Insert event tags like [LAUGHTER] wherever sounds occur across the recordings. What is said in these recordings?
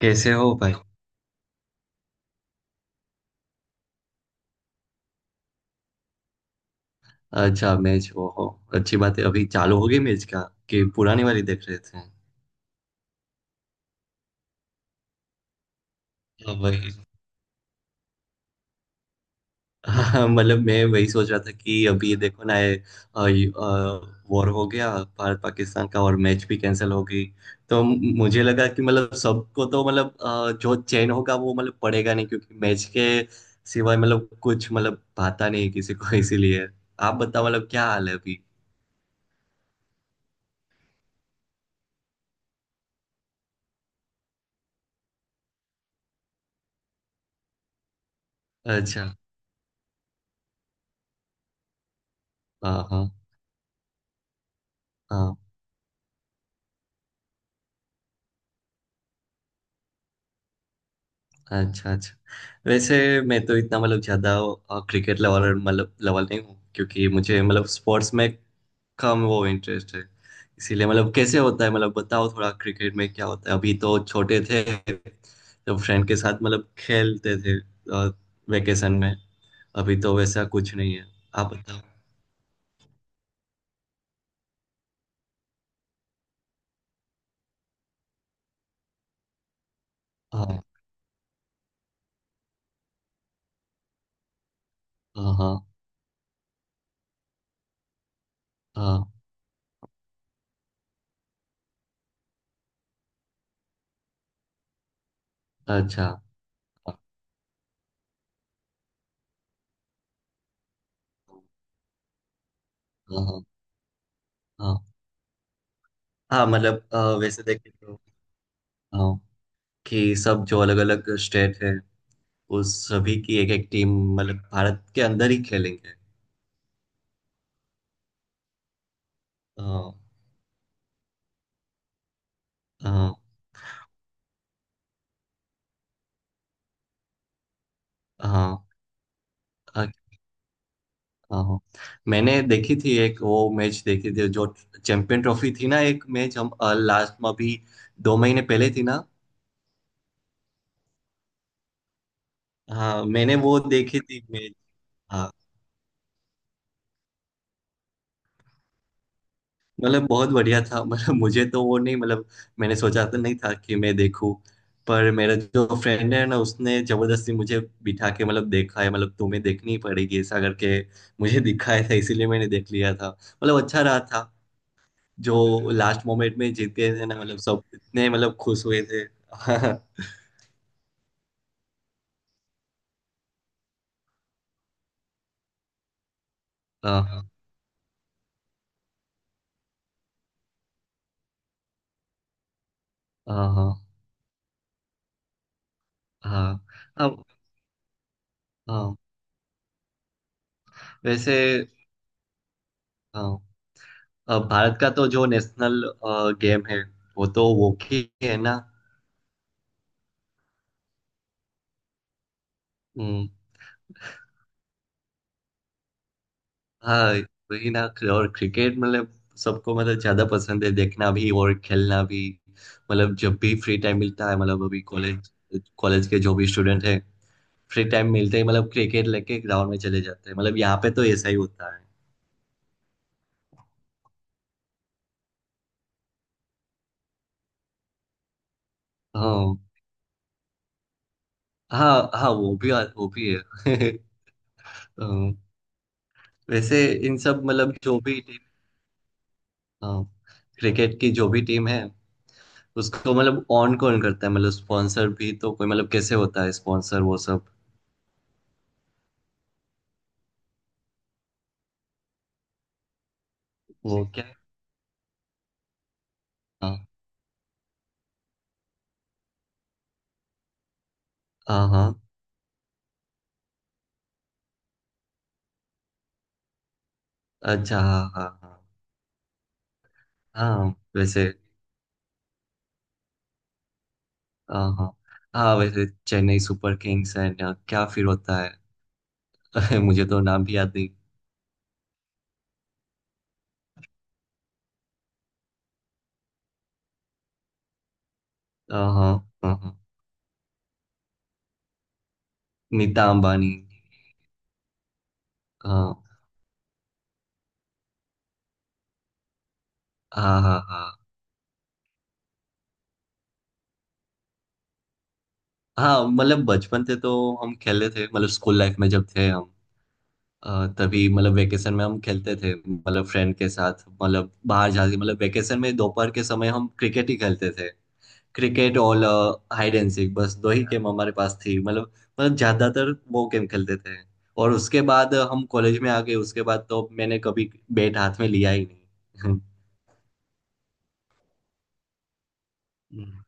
कैसे हो भाई। अच्छा मैच वो हो? अच्छी बात है। अभी चालू हो गई मैच का कि पुरानी वाली देख रहे थे? हाँ, वही। हाँ, मतलब मैं वही सोच रहा था कि अभी ये देखो ना, ये ये, वॉर हो गया, भारत पाकिस्तान का, और मैच भी कैंसिल हो गई। तो मुझे लगा कि मतलब सबको तो मतलब, जो चैन होगा वो मतलब पड़ेगा नहीं, क्योंकि मैच के सिवाय मतलब कुछ मतलब भाता नहीं है किसी को। [LAUGHS] इसीलिए आप बताओ मतलब क्या हाल है अभी। अच्छा। हाँ हाँ हाँ। अच्छा अच्छा। वैसे मैं तो इतना मतलब ज्यादा क्रिकेट लेवल मतलब लेवल नहीं हूँ, क्योंकि मुझे मतलब स्पोर्ट्स में कम वो इंटरेस्ट है। इसीलिए मतलब कैसे होता है, मतलब बताओ थोड़ा क्रिकेट में क्या होता है। अभी तो छोटे थे तो फ्रेंड के साथ मतलब खेलते थे, वेकेशन में। अभी तो वैसा कुछ नहीं है। आप बताओ। हाँ हाँ हाँ। हाँ, अच्छा। हाँ हाँ हाँ। हाँ मतलब वैसे देखें तो, हाँ, कि सब जो अलग अलग स्टेट है उस सभी की एक एक टीम मतलब भारत के अंदर ही खेलेंगे। हाँ हाँ हाँ हाँ हाँ। मैंने देखी थी, एक वो मैच देखी थी जो, चैंपियन ट्रॉफी थी ना, एक मैच हम लास्ट में, अभी 2 महीने पहले थी ना। हाँ मैंने वो देखी थी मैच। हाँ। मतलब बहुत बढ़िया था, मतलब मुझे तो वो नहीं मतलब मैंने सोचा तो नहीं था कि मैं देखूं, पर मेरा जो फ्रेंड है ना उसने जबरदस्ती मुझे बिठा के मतलब देखा है, मतलब तुम्हें देखनी पड़ेगी ऐसा करके मुझे दिखाया था, इसीलिए मैंने देख लिया था, मतलब अच्छा रहा था। जो लास्ट मोमेंट में जीत गए थे ना, मतलब सब इतने मतलब खुश हुए थे। [LAUGHS] हाँ हाँ हाँ हाँ। अब, हाँ, वैसे, हाँ, अब भारत का तो जो नेशनल गेम है वो तो हॉकी है ना। हम्म। हाँ वही ना। और क्रिकेट मतलब सबको मतलब ज्यादा पसंद है, देखना भी और खेलना भी। मतलब जब भी फ्री टाइम मिलता है, मतलब अभी कॉलेज कॉलेज के जो भी स्टूडेंट हैं फ्री टाइम मिलते ही मतलब क्रिकेट लेके ग्राउंड में चले जाते हैं, मतलब यहाँ पे तो ऐसा ही होता है। हाँ हाँ हाँ। वो भी, वो भी है। [LAUGHS] हाँ। वैसे इन सब मतलब जो भी टीम, हाँ, क्रिकेट की जो भी टीम है उसको मतलब ऑन कौन करता है, मतलब स्पॉन्सर भी तो कोई, मतलब कैसे होता है स्पॉन्सर वो सब। वो क्या? हाँ। हाँ हाँ। अच्छा हाँ हाँ हाँ। हाँ वैसे। हाँ हाँ हाँ। वैसे चेन्नई सुपर किंग्स एंड क्या फिर होता है? [LAUGHS] मुझे तो नाम भी याद नहीं। हाँ हाँ हाँ हाँ। नीता अंबानी। हाँ हाँ हाँ हाँ। हाँ मतलब बचपन से तो हम खेले थे, मतलब स्कूल लाइफ में जब थे हम, तभी मतलब वेकेशन में हम खेलते थे, मतलब फ्रेंड के साथ मतलब बाहर जाके मतलब वेकेशन में दोपहर के समय हम क्रिकेट ही खेलते थे। क्रिकेट और हाइड एंड सीक, बस दो ही गेम हमारे पास थी। मतलब, मतलब ज्यादातर वो गेम खेलते थे। और उसके बाद हम कॉलेज में आ गए। उसके बाद तो मैंने कभी बैट हाथ में लिया ही नहीं। [LAUGHS] हम्म।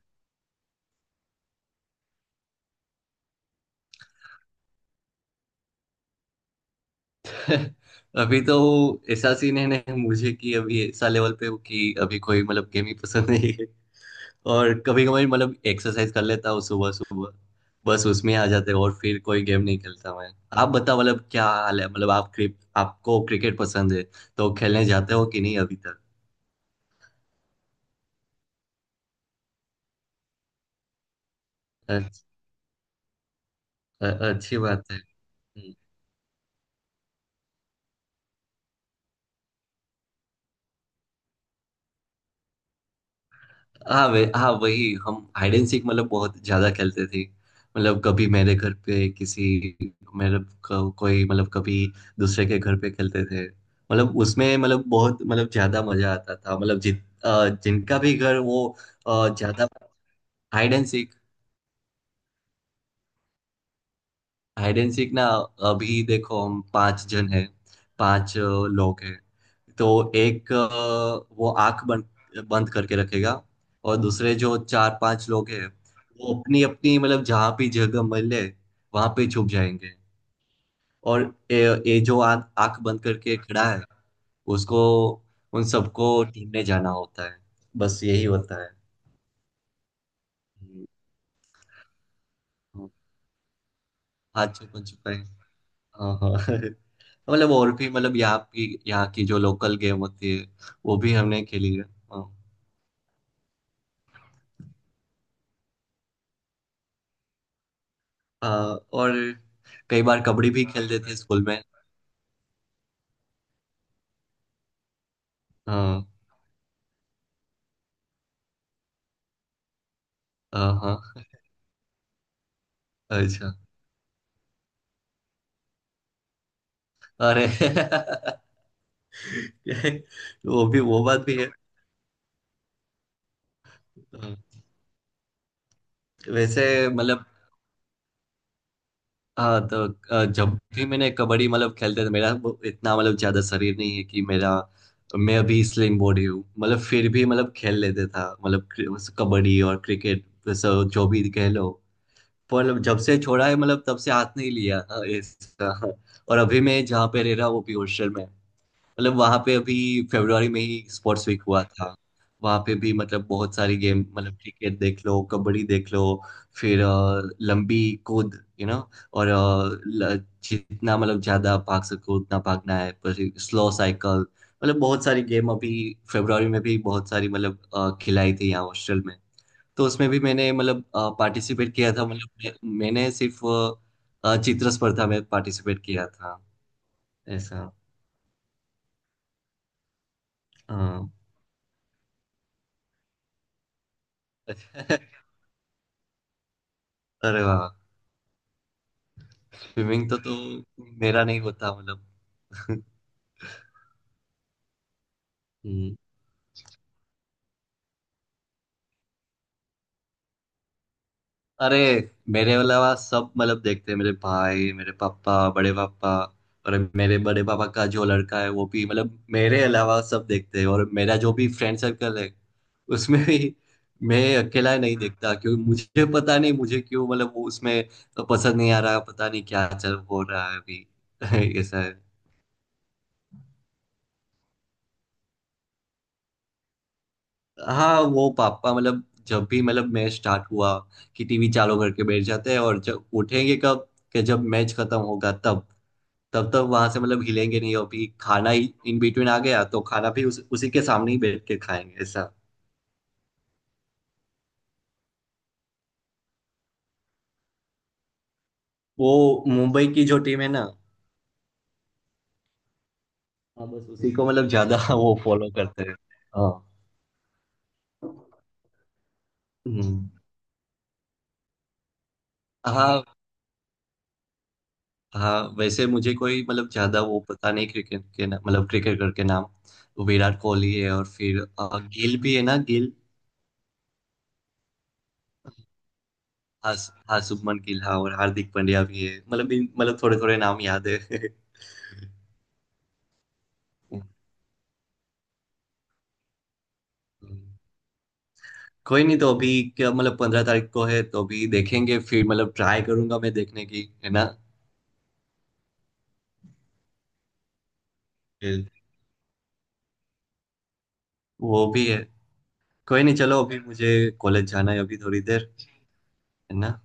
अभी तो ऐसा सीन है ना मुझे, कि अभी ऐसा लेवल पे हूँ कि अभी कोई मतलब गेम ही पसंद नहीं है। और कभी कभी मतलब एक्सरसाइज कर लेता हूँ सुबह सुबह, बस उसमें आ जाते हैं और फिर कोई गेम नहीं खेलता मैं। आप बताओ मतलब क्या हाल है, मतलब आप क्रिक आपको क्रिकेट पसंद है तो खेलने जाते हो कि नहीं अभी? अच्छा। अच्छी बात है। हम्म। हाँ, वे हाँ वही, हम हाइड एंड सीक मतलब बहुत ज्यादा खेलते थे। मतलब कभी मेरे घर पे किसी, मेरे को, कोई मतलब कभी दूसरे के घर पे खेलते थे, मतलब उसमें मतलब बहुत मतलब ज्यादा मजा आता था, मतलब जिनका भी घर वो, ज्यादा, hide and hide and seek ना? अभी देखो हम पांच जन हैं, पांच लोग हैं। तो एक, वो आंख बंद बंद करके रखेगा, और दूसरे जो चार पांच लोग हैं वो अपनी अपनी मतलब जहाँ भी जगह मिले वहां पे छुप जाएंगे। और ये ये जो आंख बंद करके खड़ा है उसको, उन सबको ढूंढने जाना होता है। बस यही होता है। हम्म। हाँ, छुपन छुपाई। हाँ हाँ। [LAUGHS] मतलब और भी, मतलब यहाँ की जो लोकल गेम होती है, वो भी हमने खेली है। हाँ। हाँ, और कई बार कबड्डी भी, हाँ, खेलते थे भाई स्कूल में। हाँ हाँ हाँ। अच्छा। अरे। [LAUGHS] वो भी, वो बात भी है। हाँ। वैसे मतलब, हाँ तो जब भी मैंने कबड्डी मतलब खेलते थे, मेरा वो इतना मतलब ज्यादा शरीर नहीं है कि मेरा, मैं अभी स्लिम बॉडी हूँ, मतलब फिर भी मतलब खेल लेते था मतलब कबड्डी और क्रिकेट, वैसे जो भी कह लो। पर जब से छोड़ा है मतलब तब से हाथ नहीं लिया। हाँ, ऐसा। और अभी मैं जहाँ पे रह रहा हूँ वो भी हॉस्टल में, मतलब वहाँ पे अभी फरवरी में ही स्पोर्ट्स वीक हुआ था। वहाँ पे भी मतलब बहुत सारी गेम, मतलब क्रिकेट देख लो, कबड्डी देख लो, फिर लंबी कूद, और जितना मतलब ज्यादा भाग सको उतना भागना है, पर स्लो साइकिल। मतलब बहुत सारी गेम अभी फरवरी में भी बहुत सारी मतलब खिलाई थी यहाँ हॉस्टल में। तो उसमें भी मैंने मतलब पार्टिसिपेट किया था, मतलब मैंने सिर्फ चित्र स्पर्धा में पार्टिसिपेट किया था ऐसा। हाँ। [LAUGHS] अरे वाह! स्विमिंग तो मेरा नहीं होता मतलब। [LAUGHS] हम्म। अरे, मेरे अलावा सब मतलब देखते हैं, मेरे भाई, मेरे पापा, बड़े पापा, और मेरे बड़े पापा का जो लड़का है वो भी, मतलब मेरे अलावा सब देखते हैं। और मेरा जो भी फ्रेंड सर्कल है उसमें भी मैं अकेला नहीं देखता, क्योंकि मुझे पता नहीं मुझे क्यों मतलब वो उसमें पसंद नहीं आ रहा, पता नहीं क्या चल हो रहा है अभी। [LAUGHS] ऐसा है। हाँ, वो पापा मतलब जब भी मतलब मैच स्टार्ट हुआ कि टीवी चालू करके बैठ जाते हैं, और जब उठेंगे कब? कि जब मैच खत्म होगा तब। तब तक वहां से मतलब हिलेंगे नहीं, अभी खाना ही इन बिटवीन आ गया तो खाना भी उसी के सामने ही बैठ के खाएंगे, ऐसा। वो मुंबई की जो टीम है ना। हाँ, बस उसी को मतलब ज्यादा [LAUGHS] वो फॉलो करते हैं। हाँ। हम्म। हाँ हाँ। वैसे मुझे कोई मतलब ज्यादा वो पता नहीं क्रिकेट के, ना मतलब क्रिकेटर के नाम। विराट कोहली है, और फिर गिल भी है ना, गिल। हाँ, हाँ शुभमन गिल। हाँ, और हार्दिक पांड्या भी है, मतलब मतलब थोड़े थोड़े नाम याद है। [LAUGHS] हम्म। कोई नहीं तो अभी। क्या मतलब 15 तारीख को है तो अभी देखेंगे, फिर मतलब ट्राई करूंगा मैं देखने की, है ना? फिर वो भी है। कोई नहीं चलो, अभी मुझे कॉलेज जाना है, अभी थोड़ी देर, है ना?